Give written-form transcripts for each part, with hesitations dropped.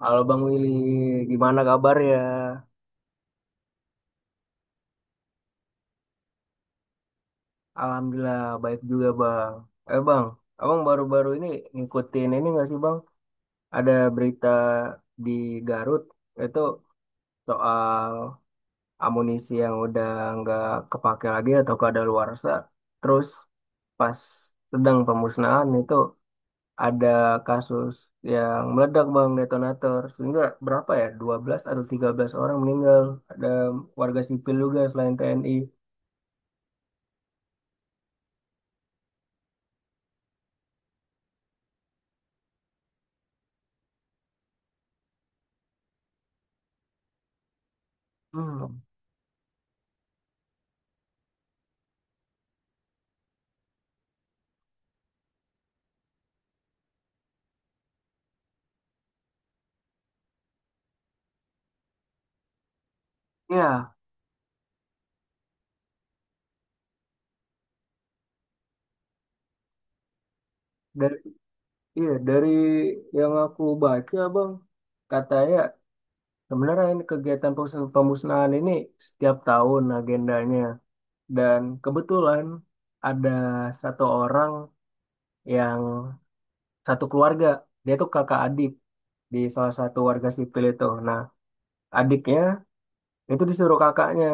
Halo Bang Willy, gimana kabar ya? Alhamdulillah baik juga Bang. Eh Bang, Abang baru-baru ini ngikutin ini nggak sih Bang? Ada berita di Garut itu soal amunisi yang udah nggak kepake lagi atau kadaluarsa. Terus pas sedang pemusnahan itu ada kasus yang meledak Bang detonator. Sehingga berapa ya? 12 atau 13 orang meninggal. Ada warga sipil juga selain TNI. Hmm. Iya, dari iya, dari yang aku baca, Bang, katanya sebenarnya ini kegiatan pemusnahan ini setiap tahun agendanya, dan kebetulan ada satu orang yang satu keluarga, dia tuh kakak adik di salah satu warga sipil itu. Nah, adiknya itu disuruh kakaknya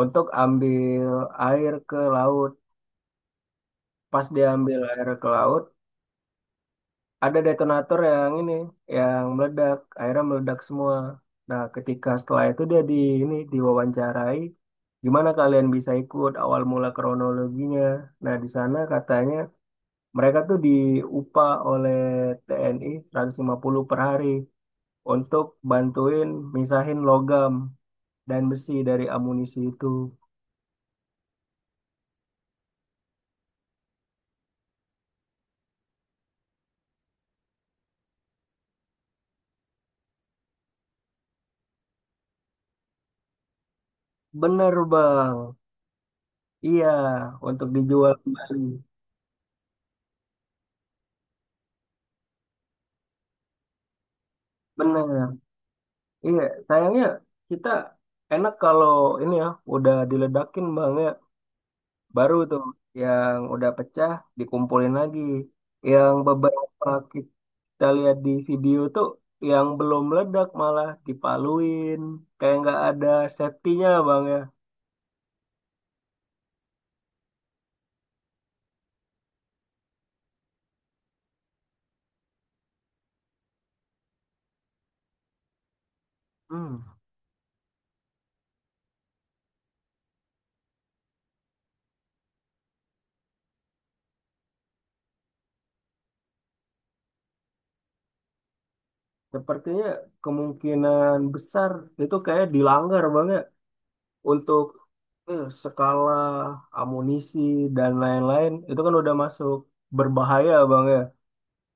untuk ambil air ke laut. Pas dia ambil air ke laut, ada detonator yang ini yang meledak akhirnya meledak semua. Nah, ketika setelah itu dia di ini diwawancarai gimana kalian bisa ikut awal mula kronologinya, nah di sana katanya mereka tuh diupah oleh TNI 150 per hari untuk bantuin misahin logam dan besi dari amunisi itu. Bener bang. Iya, untuk dijual kembali. Bener. Iya, sayangnya kita enak kalau ini ya, udah diledakin bang ya, baru tuh yang udah pecah dikumpulin lagi. Yang beberapa kita lihat di video tuh, yang belum meledak malah dipaluin, kayak nggak ada safety-nya bang ya. Hmm, Sepertinya kemungkinan besar itu kayak dilanggar bang ya untuk skala amunisi dan lain-lain itu kan udah masuk berbahaya bang ya.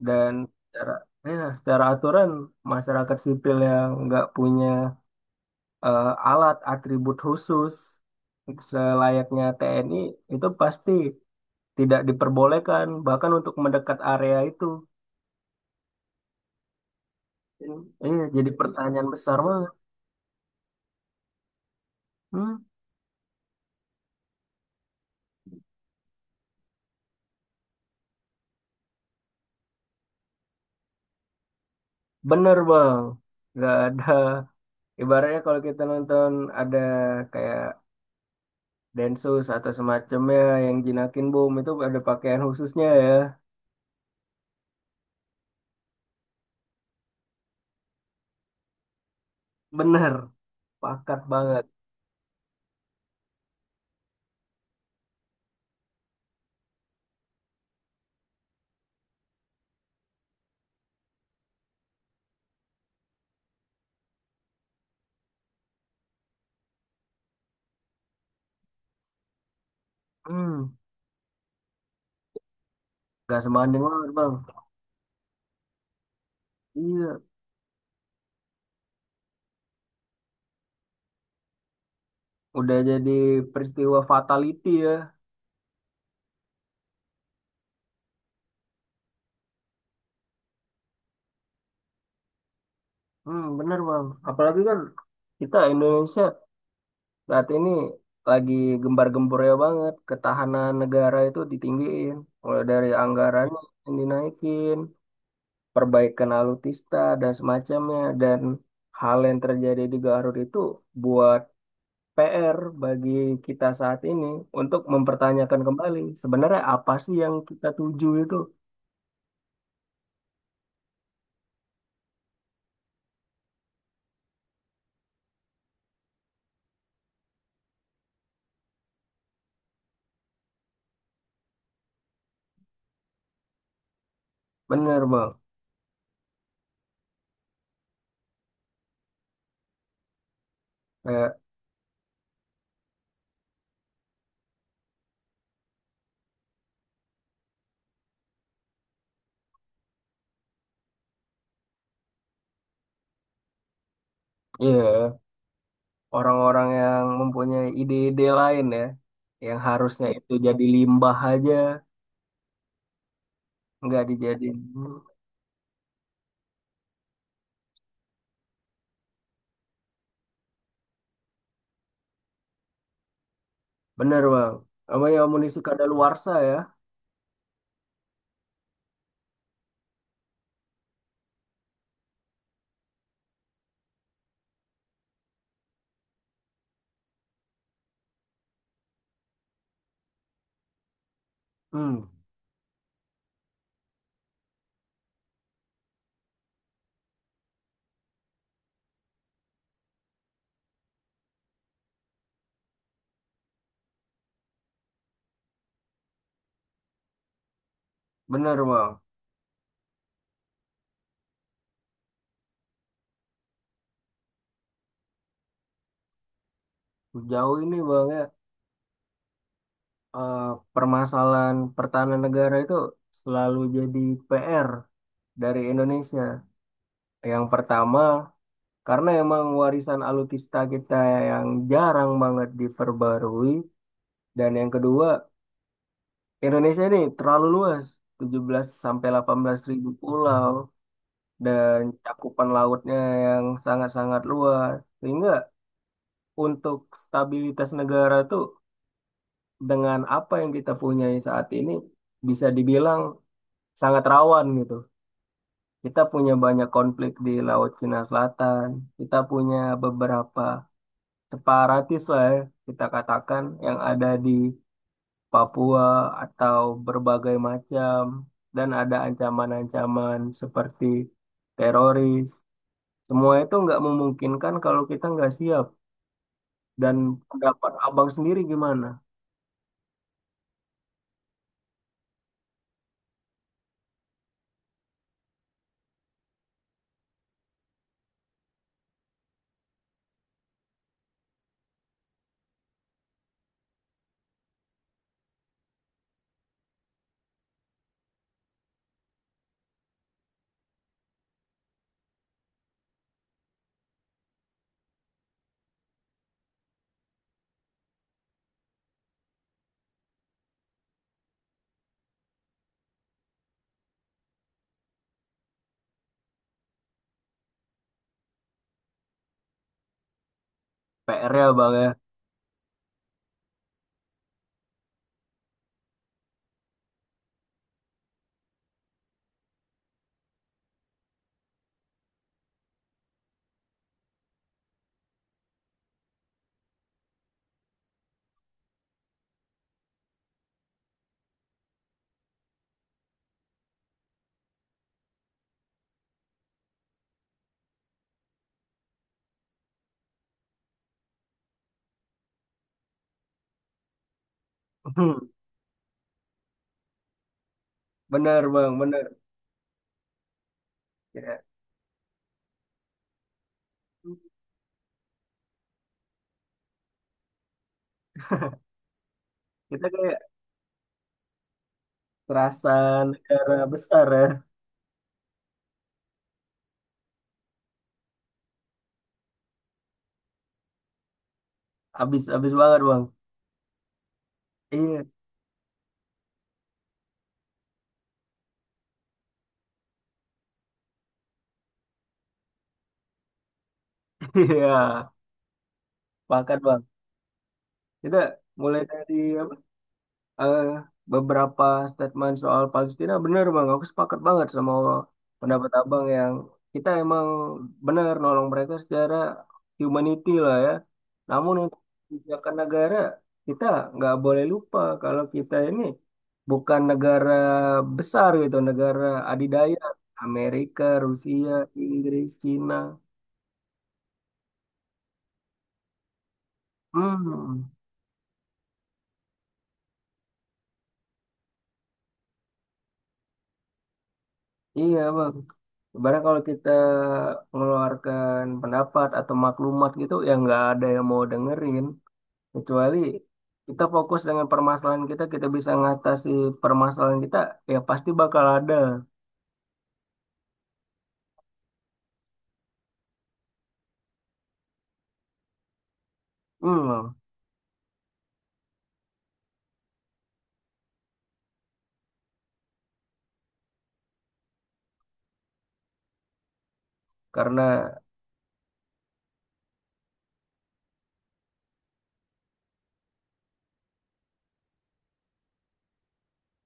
Dan secara, ya, secara aturan masyarakat sipil yang nggak punya alat atribut khusus selayaknya TNI itu pasti tidak diperbolehkan bahkan untuk mendekat area itu. Iya, jadi pertanyaan besar banget. Hmm, bener bang. Nggak ada, ibaratnya kalau kita nonton ada kayak Densus atau semacamnya yang jinakin bom itu ada pakaian khususnya ya. Bener, pakat banget. Hmm. Gak sebanding banget bang. Iya, udah jadi peristiwa fatality ya. Hmm, bener bang. Apalagi kan kita Indonesia saat ini lagi gembar-gembornya banget. Ketahanan negara itu ditinggiin. Mulai dari anggarannya yang dinaikin, perbaikan alutsista dan semacamnya. Dan hal yang terjadi di Garut itu buat PR bagi kita saat ini untuk mempertanyakan kembali sebenarnya apa sih yang kita tuju itu. Bener bang, kayak iya, orang-orang yang mempunyai ide-ide lain ya, yang harusnya itu jadi limbah aja, nggak dijadiin. Bener bang, apa ya amunisi kadaluarsa ya? Hmm, bener bang. Jauh ini bang ya, eh, permasalahan pertahanan negara itu selalu jadi PR dari Indonesia. Yang pertama, karena emang warisan alutsista kita yang jarang banget diperbarui, dan yang kedua, Indonesia ini terlalu luas, 17 sampai 18 ribu pulau, dan cakupan lautnya yang sangat-sangat luas. Sehingga untuk stabilitas negara itu dengan apa yang kita punyai saat ini bisa dibilang sangat rawan gitu. Kita punya banyak konflik di Laut Cina Selatan, kita punya beberapa separatis lah ya, kita katakan yang ada di Papua atau berbagai macam, dan ada ancaman-ancaman seperti teroris. Semua itu nggak memungkinkan kalau kita nggak siap. Dan pendapat abang sendiri gimana? PR-nya bang ya. Bener bang, bener. Ya, kita kayak terasa negara besar ya. Abis-abis banget bang. Iya, iya, pakat bang. Kita mulai dari apa? eh, Beberapa statement soal Palestina, bener bang, aku sepakat banget sama pendapat abang yang kita emang benar nolong mereka secara humanity lah ya, namun untuk kebijakan negara kita, nggak boleh lupa kalau kita ini bukan negara besar gitu, negara adidaya Amerika, Rusia, Inggris, Cina. Hmm, iya bang. Sebenarnya kalau kita mengeluarkan pendapat atau maklumat gitu ya nggak ada yang mau dengerin, kecuali kita fokus dengan permasalahan kita, kita bisa ngatasi permasalahan kita, ya pasti bakal ada. Hmm. Karena.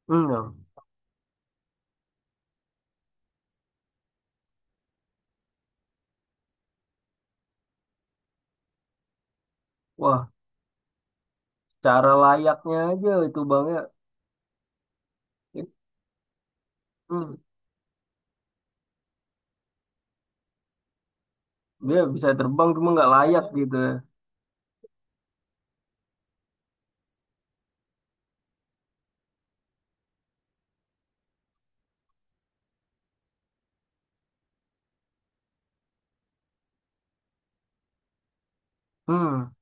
Hmm. Wah, cara layaknya aja itu bang ya. It- hmm, Dia bisa terbang cuma nggak layak gitu ya. Hmm,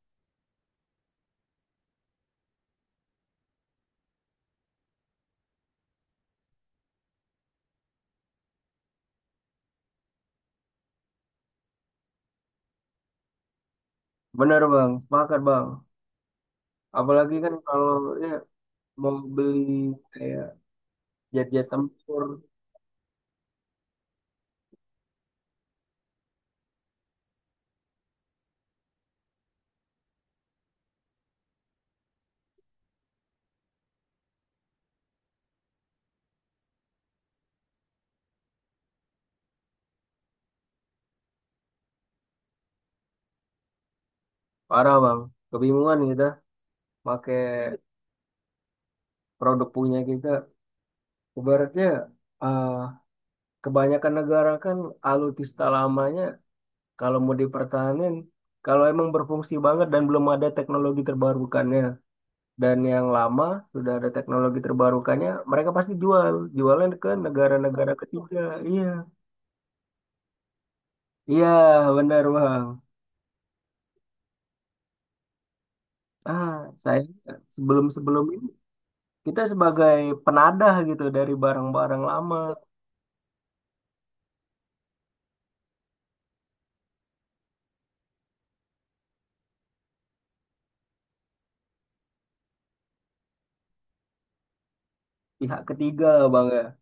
benar bang, sepakat bang, apalagi kan kalau ya mau beli kayak jet-jet tempur. Parah bang, kebingungan kita pakai produk punya kita. Ibaratnya eh, kebanyakan negara kan alutsista lamanya kalau mau dipertahanin, kalau emang berfungsi banget dan belum ada teknologi terbarukannya, dan yang lama sudah ada teknologi terbarukannya, mereka pasti jual, jualnya ke negara-negara ketiga. Iya, iya benar bang. Ah, saya sebelum-sebelum ini kita sebagai penadah gitu dari barang-barang lama, pihak ketiga bang ya.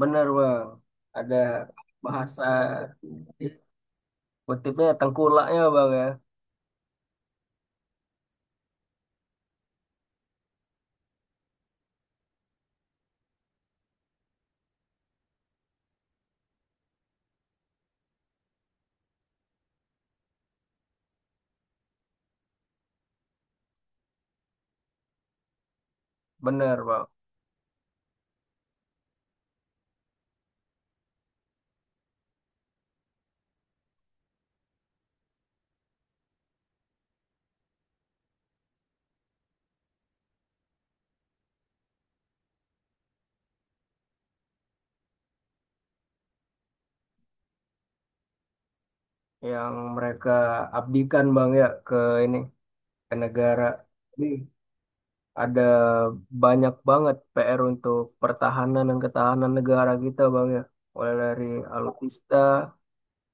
Bener bang, ada bahasa kutipnya tengkulaknya bang ya, bener bang, yang mereka abdikan bang ya ke ini ke negara. Ini ada banyak banget PR untuk pertahanan dan ketahanan negara kita bang ya, mulai alutsista,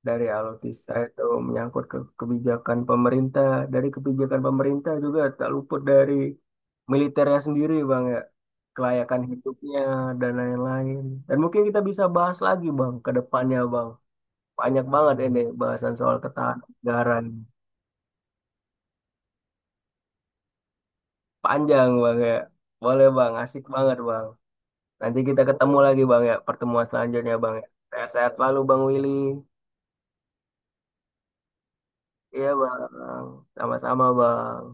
dari alutsista itu menyangkut ke kebijakan pemerintah, dari kebijakan pemerintah juga tak luput dari militernya sendiri bang ya, kelayakan hidupnya dan lain-lain. Dan mungkin kita bisa bahas lagi Bang ke depannya Bang. Banyak banget ini bahasan soal ketahanan. Panjang Bang ya. Boleh Bang, asik banget Bang. Nanti kita ketemu lagi Bang ya, pertemuan selanjutnya Bang ya. Sehat-sehat selalu Bang Willy. Iya Bang, sama-sama Bang.